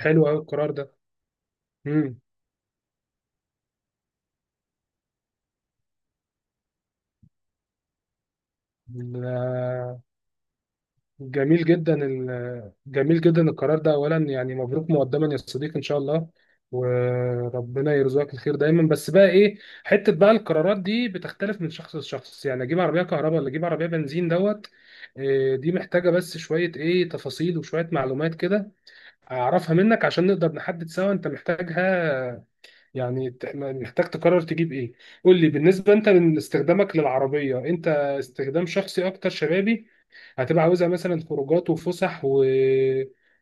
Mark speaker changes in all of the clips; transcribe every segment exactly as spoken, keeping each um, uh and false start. Speaker 1: حلو قوي القرار ده. امم لا- جميل جدا ال- جميل جدا القرار ده، اولا يعني مبروك مقدما يا صديقي، ان شاء الله. وربنا يرزقك الخير دايما، بس بقى ايه؟ حته بقى القرارات دي بتختلف من شخص لشخص، يعني اجيب عربيه كهرباء ولا اجيب عربيه بنزين دوت. إيه، دي محتاجه بس شويه ايه تفاصيل وشويه معلومات كده اعرفها منك، عشان نقدر نحدد سوا انت محتاجها. يعني ت- محتاج تقرر تجيب ايه. قول لي، بالنسبه انت من استخدامك للعربيه، انت استخدام شخصي اكتر شبابي؟ هتبقى عاوزها مثلا خروجات وفسح و...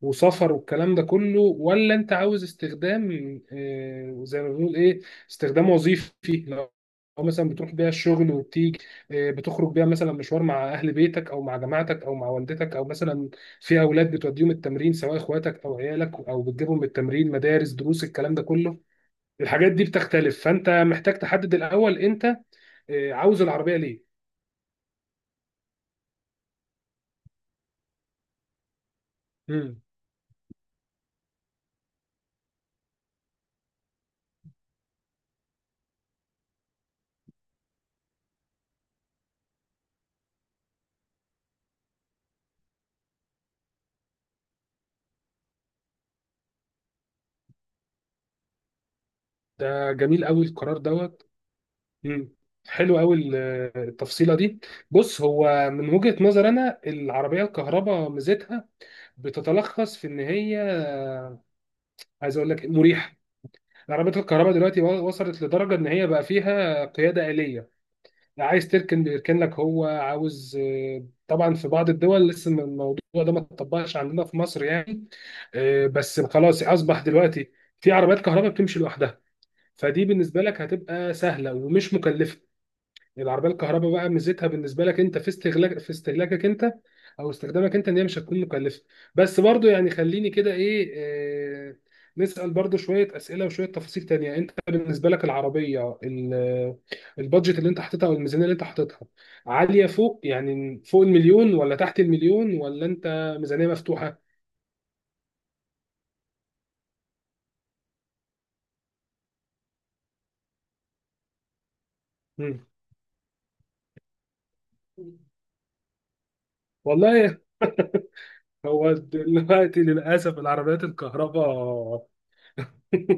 Speaker 1: وسفر والكلام ده كله، ولا انت عاوز استخدام آه، زي ما بنقول ايه، استخدام وظيفي؟ لو، لو مثلا بتروح بيها الشغل وبتيجي، آه، بتخرج بيها مثلا مشوار مع اهل بيتك او مع جماعتك او مع والدتك، او مثلا في اولاد بتوديهم التمرين سواء اخواتك او عيالك، او بتجيبهم من التمرين، مدارس، دروس، الكلام ده كله. الحاجات دي بتختلف، فانت محتاج تحدد الاول انت آه، عاوز العربيه ليه. مم. ده جميل قوي القرار دوت. مم. حلو قوي ال- آه، التفصيله دي. بص، هو من وجهه نظر انا العربيه الكهرباء ميزتها بتتلخص في ان هي آه، عايز اقول لك مريحه. العربيات الكهرباء دلوقتي و- وصلت لدرجه ان هي بقى فيها قياده آلية، عايز تركن بيركن لك، هو عاوز آه، طبعا. في بعض الدول لسه الموضوع ده ما اتطبقش، عندنا في مصر يعني آه، بس خلاص اصبح دلوقتي في عربيات كهرباء بتمشي لوحدها. فدي بالنسبه لك هتبقى سهله ومش مكلفه، يعني العربيه الكهرباء بقى ميزتها بالنسبه لك انت، في استهلاك في استهلاكك انت او استخدامك انت، ان هي مش هتكون مكلفه. بس برضو يعني خليني كده ايه آه، نسال برضو شويه اسئله وشويه تفاصيل تانية. انت بالنسبه لك العربيه ال- البادجت اللي انت حاططها او الميزانيه اللي انت حاططها، عاليه فوق يعني فوق المليون، ولا تحت المليون، ولا انت ميزانيه مفتوحه؟ مم. والله. هو دلوقتي للأسف العربيات الكهرباء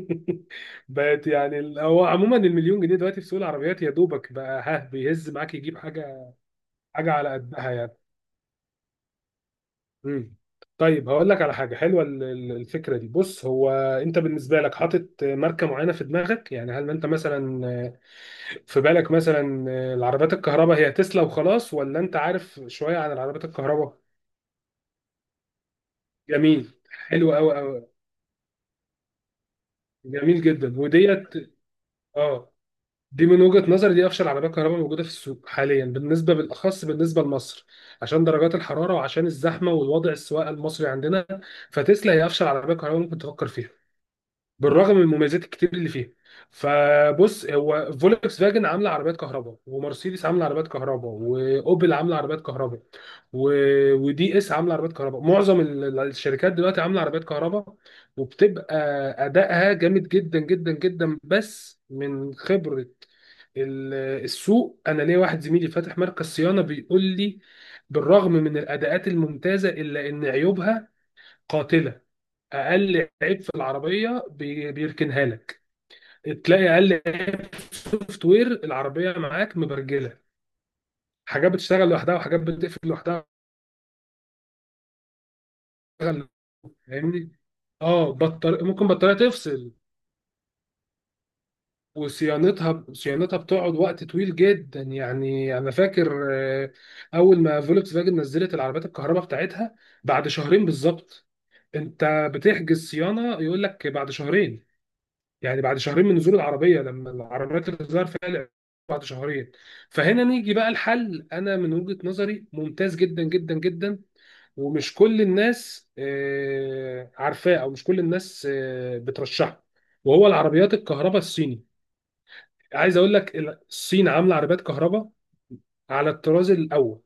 Speaker 1: بقت يعني ال- هو عموما المليون جنيه دلوقتي في سوق العربيات يا دوبك بقى ها، بيهز معاك يجيب حاجة، حاجة على قدها يعني. مم. طيب هقول لك على حاجة حلوة ال- ال- الفكرة دي. بص، هو أنت بالنسبة لك حاطط ماركة معينة في دماغك؟ يعني هل أنت مثلا في بالك مثلا العربيات الكهرباء هي تسلا وخلاص، ولا أنت عارف شوية عن العربيات الكهرباء؟ جميل. حلو قوي. جميل جدا وديت. اه، دي من وجهة نظري دي افشل عربية كهرباء موجودة في السوق حاليا بالنسبة، بالاخص بالنسبة لمصر، عشان درجات الحرارة وعشان الزحمة والوضع السواقة المصري عندنا. فتسلا هي افشل عربية كهرباء ممكن تفكر فيها، بالرغم من المميزات الكتير اللي فيها. فبص، هو فولكس فاجن عامله عربيات كهرباء، ومرسيدس عامله عربيات كهرباء، واوبل عامله عربيات كهرباء، و... ودي اس عامله عربيات كهرباء، معظم ال- ال- الشركات دلوقتي عامله عربيات كهرباء. وبتبقى ادائها جامد جدا جدا جدا، بس من خبره ال- السوق، انا ليا واحد زميلي فاتح مركز صيانه بيقول لي بالرغم من الاداءات الممتازه الا ان عيوبها قاتله. اقل عيب في العربيه بي- بيركنها لك، تلاقي اقل عيب في السوفت وير العربيه معاك مبرجله، حاجات بتشتغل لوحدها وحاجات بتقفل لوحدها. فاهمني؟ اه، بطل... ممكن بطاريه تفصل، وصيانتها صيانتها بتقعد وقت طويل جدا، يعني انا فاكر آه، اول ما فولكس فاجن نزلت العربيات الكهرباء بتاعتها، بعد شهرين بالظبط انت بتحجز صيانه يقول لك بعد شهرين، يعني بعد شهرين من نزول العربيه، لما العربيات اللي ظهر فيها الإعلان، بعد شهرين. فهنا نيجي بقى الحل، انا من وجهه نظري ممتاز جدا جدا جدا، ومش كل الناس آه، عارفاه، او مش كل الناس آه، بترشحه، وهو العربيات الكهرباء الصيني. عايز اقول لك ال- الصين عامله عربيات كهرباء على الطراز الاول،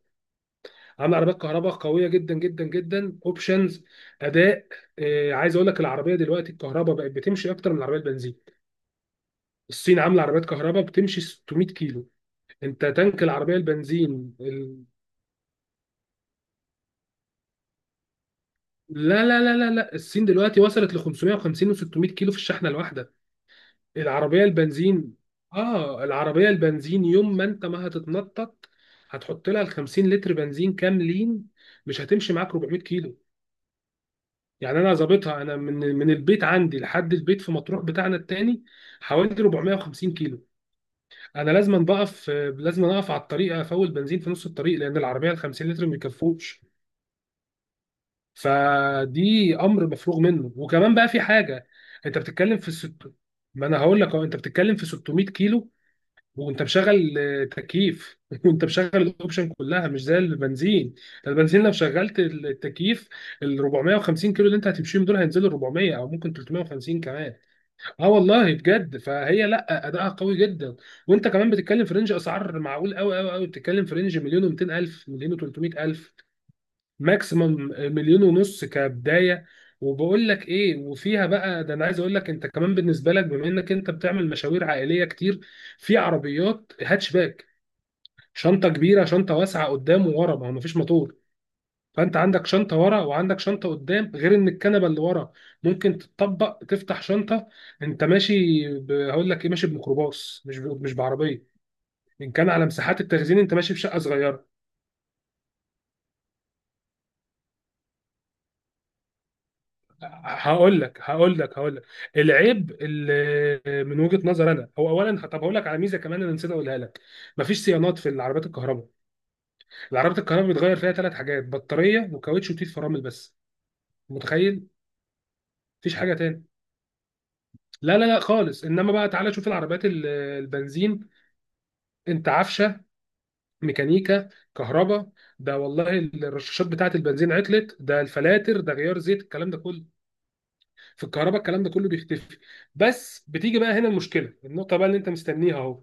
Speaker 1: عامله عربيات كهرباء قويه جدا جدا جدا، اوبشنز، اداء، آه، عايز اقول لك العربيه دلوقتي الكهرباء بقت بتمشي اكتر من العربيه البنزين. الصين عامله عربيات كهرباء بتمشي 600 كيلو، انت تانك العربيه البنزين ال... لا لا لا لا لا، الصين دلوقتي وصلت ل خمسمية وخمسين و600 كيلو في الشحنه الواحده. العربيه البنزين، اه العربيه البنزين يوم ما انت ما هتتنطط هتحط لها ال 50 لتر بنزين كاملين، مش هتمشي معاك 400 كيلو. يعني انا ظابطها، انا من من البيت عندي لحد البيت في مطروح بتاعنا التاني حوالي اربعمية وخمسين كيلو. انا لازم بقف، لازم اقف على الطريق افول بنزين في نص الطريق، لان العربيه ال خمسين لتر ما بيكفوش، فدي امر مفروغ منه. وكمان بقى في حاجه، انت بتتكلم في الست، ما انا هقول لك اهو، انت بتتكلم في ستمية كيلو وانت مشغل آه، تكييف وانت مشغل الاوبشن كلها، مش زي البنزين. البنزين لو شغلت التكييف، ال اربعمية وخمسين كيلو اللي انت هتمشيهم دول هينزلوا اربعمية او ممكن تلتمية وخمسين كمان. اه والله بجد، فهي لا اداءها قوي جدا، وانت كمان بتتكلم في رينج اسعار معقول قوي قوي قوي، بتتكلم في رينج مليون و200 الف، مليون و300 الف ماكسيمم، مليون ونص كبدايه. وبقول لك ايه، وفيها بقى ده انا عايز اقول لك، انت كمان بالنسبه لك بما انك انت بتعمل مشاوير عائليه كتير، في عربيات هاتش باك، شنطه كبيره، شنطه واسعه قدام وورا، ما هو مفيش موتور، فانت عندك شنطه ورا وعندك شنطه قدام، غير ان الكنبه اللي ورا ممكن تتطبق تفتح شنطه. انت ماشي ب... هقول لك ايه، ماشي بميكروباص، مش ب... مش بعربيه. ان كان على مساحات التخزين، انت ماشي بشقه صغيره. هقول لك هقول لك هقول لك، العيب اللي من وجهه نظر انا هو اولا، طب هقول لك على ميزه كمان انا نسيت اقولها لك، مفيش صيانات في العربيات الكهرباء. العربيات الكهرباء بيتغير فيها ثلاث حاجات، بطاريه وكاوتش وتيت فرامل بس. متخيل؟ مفيش حاجه تاني، لا لا لا خالص. انما بقى تعالى شوف العربيات ال- البنزين، انت عفشه، ميكانيكا، كهرباء، ده والله الرشاشات بتاعه البنزين عطلت، ده الفلاتر، ده غيار زيت، الكلام ده كله. في الكهرباء الكلام ده كله بيختفي، بس بتيجي بقى هنا المشكله، النقطه بقى اللي انت مستنيها اهو،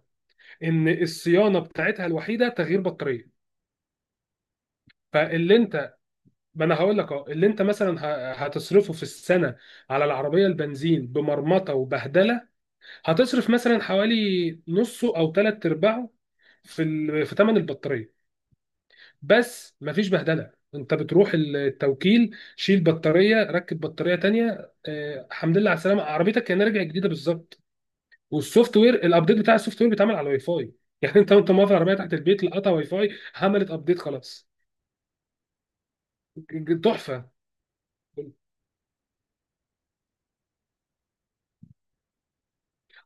Speaker 1: ان الصيانه بتاعتها الوحيده تغيير بطاريه. فاللي انت، ما انا هقول لك اهو اللي انت مثلا ه- هتصرفه في السنه على العربيه البنزين بمرمطه وبهدله، هتصرف مثلا حوالي نصه او ثلاث ارباعه في ال... في ثمن البطاريه. بس مفيش بهدله، انت بتروح التوكيل، شيل بطاريه ركب بطاريه تانية، آه، الحمد لله على السلامه، عربيتك كانها راجعه جديده بالظبط. والسوفت وير، الابديت بتاع السوفت وير بيتعمل على الواي فاي يعني انت وانت موقف العربيه تحت البيت، لقطها واي فاي، عملت ابديت، خلاص. ج- ج- تحفه.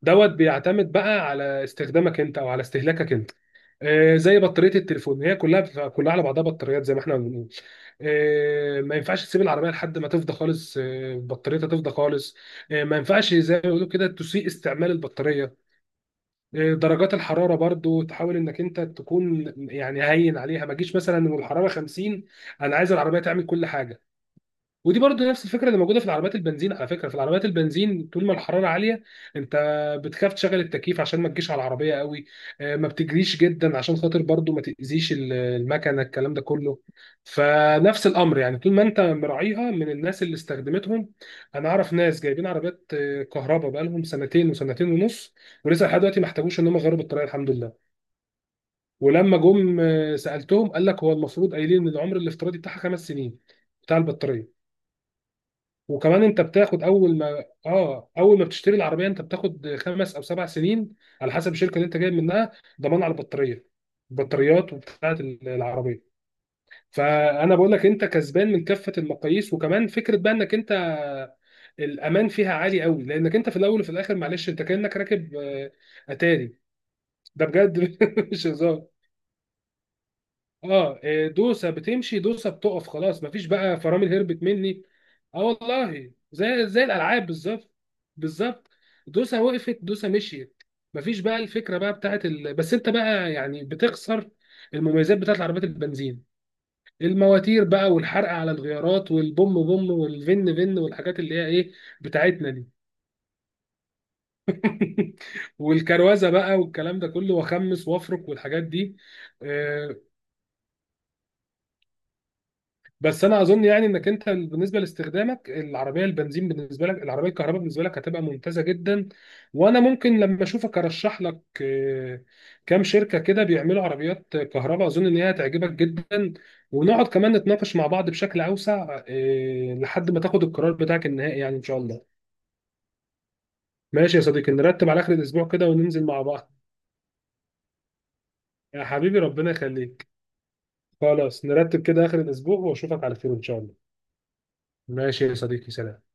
Speaker 1: دوت بيعتمد بقى على استخدامك انت او على استهلاكك انت. آه، زي بطاريه التليفون، هي كلها كلها على بعضها بطاريات زي ما احنا بنقول. آه، ما ينفعش تسيب العربيه لحد ما تفضى خالص، آه، بطاريتها تفضى خالص. آه، ما ينفعش زي ما بيقولوا كده تسيء استعمال البطاريه. آه، درجات الحراره برضو، تحاول انك انت تكون يعني هين عليها، ما تجيش مثلا والحراره خمسين انا عايز العربيه تعمل كل حاجه. ودي برضه نفس الفكره اللي موجوده في العربيات البنزين، على فكره، في العربيات البنزين طول ما الحراره عاليه، انت بتخاف تشغل التكييف عشان ما تجيش على العربيه قوي، آه، ما بتجريش جدا عشان خاطر برضه ما تاذيش ال- المكنه الكلام ده كله. فنفس الامر يعني، طول ما انت مراعيها من الناس اللي استخدمتهم، انا اعرف ناس جايبين عربيات آه، كهرباء بقالهم سنتين وسنتين ونص، ولسه لحد دلوقتي ما احتاجوش ان هم يغيروا البطاريه، الحمد لله. ولما جم آه، سالتهم، قال لك هو المفروض، قايلين ان العمر الافتراضي بتاعها خمس سنين بتاع البطاريه. وكمان انت بتاخد اول ما اه اول ما بتشتري العربيه انت بتاخد خمس او سبع سنين على حسب الشركه اللي انت جايب منها، ضمان على البطاريه، البطاريات وبتاعه العربيه. فانا بقول لك انت كسبان من كافه المقاييس، وكمان فكره بقى، انك انت الامان فيها عالي قوي، لانك انت في الاول وفي الاخر، معلش انت كانك راكب آه، اتاري، ده بجد. مش هزار. اه إيه، دوسه بتمشي دوسه بتقف، خلاص مفيش بقى فرامل، هربت مني. اه والله زي زي الالعاب بالظبط. بالظبط، دوسه وقفت دوسه مشيت، مفيش بقى. الفكره بقى بتاعت ال... بس انت بقى يعني بتخسر المميزات بتاعت عربيات البنزين، المواتير بقى، والحرق على الغيارات، والبوم بوم، والفن فن، والحاجات اللي هي ايه بتاعتنا دي. والكروزه بقى والكلام ده كله، واخمس وافرك والحاجات دي. آه، بس انا اظن يعني انك انت بالنسبه لاستخدامك العربيه البنزين، بالنسبه لك العربيه الكهرباء بالنسبه لك هتبقى ممتازه جدا، وانا ممكن لما اشوفك ارشح لك آه، كام شركه كده بيعملوا عربيات كهرباء، اظن ان هي هتعجبك جدا، ونقعد كمان نتناقش مع بعض بشكل اوسع آه، لحد ما تاخد القرار بتاعك النهائي، يعني ان شاء الله. ماشي يا صديقي، نرتب على اخر الاسبوع كده وننزل مع بعض. يا حبيبي ربنا يخليك. خلاص، نرتب كده اخر الاسبوع واشوفك على خير ان شاء الله. ماشي يا صديقي، سلام.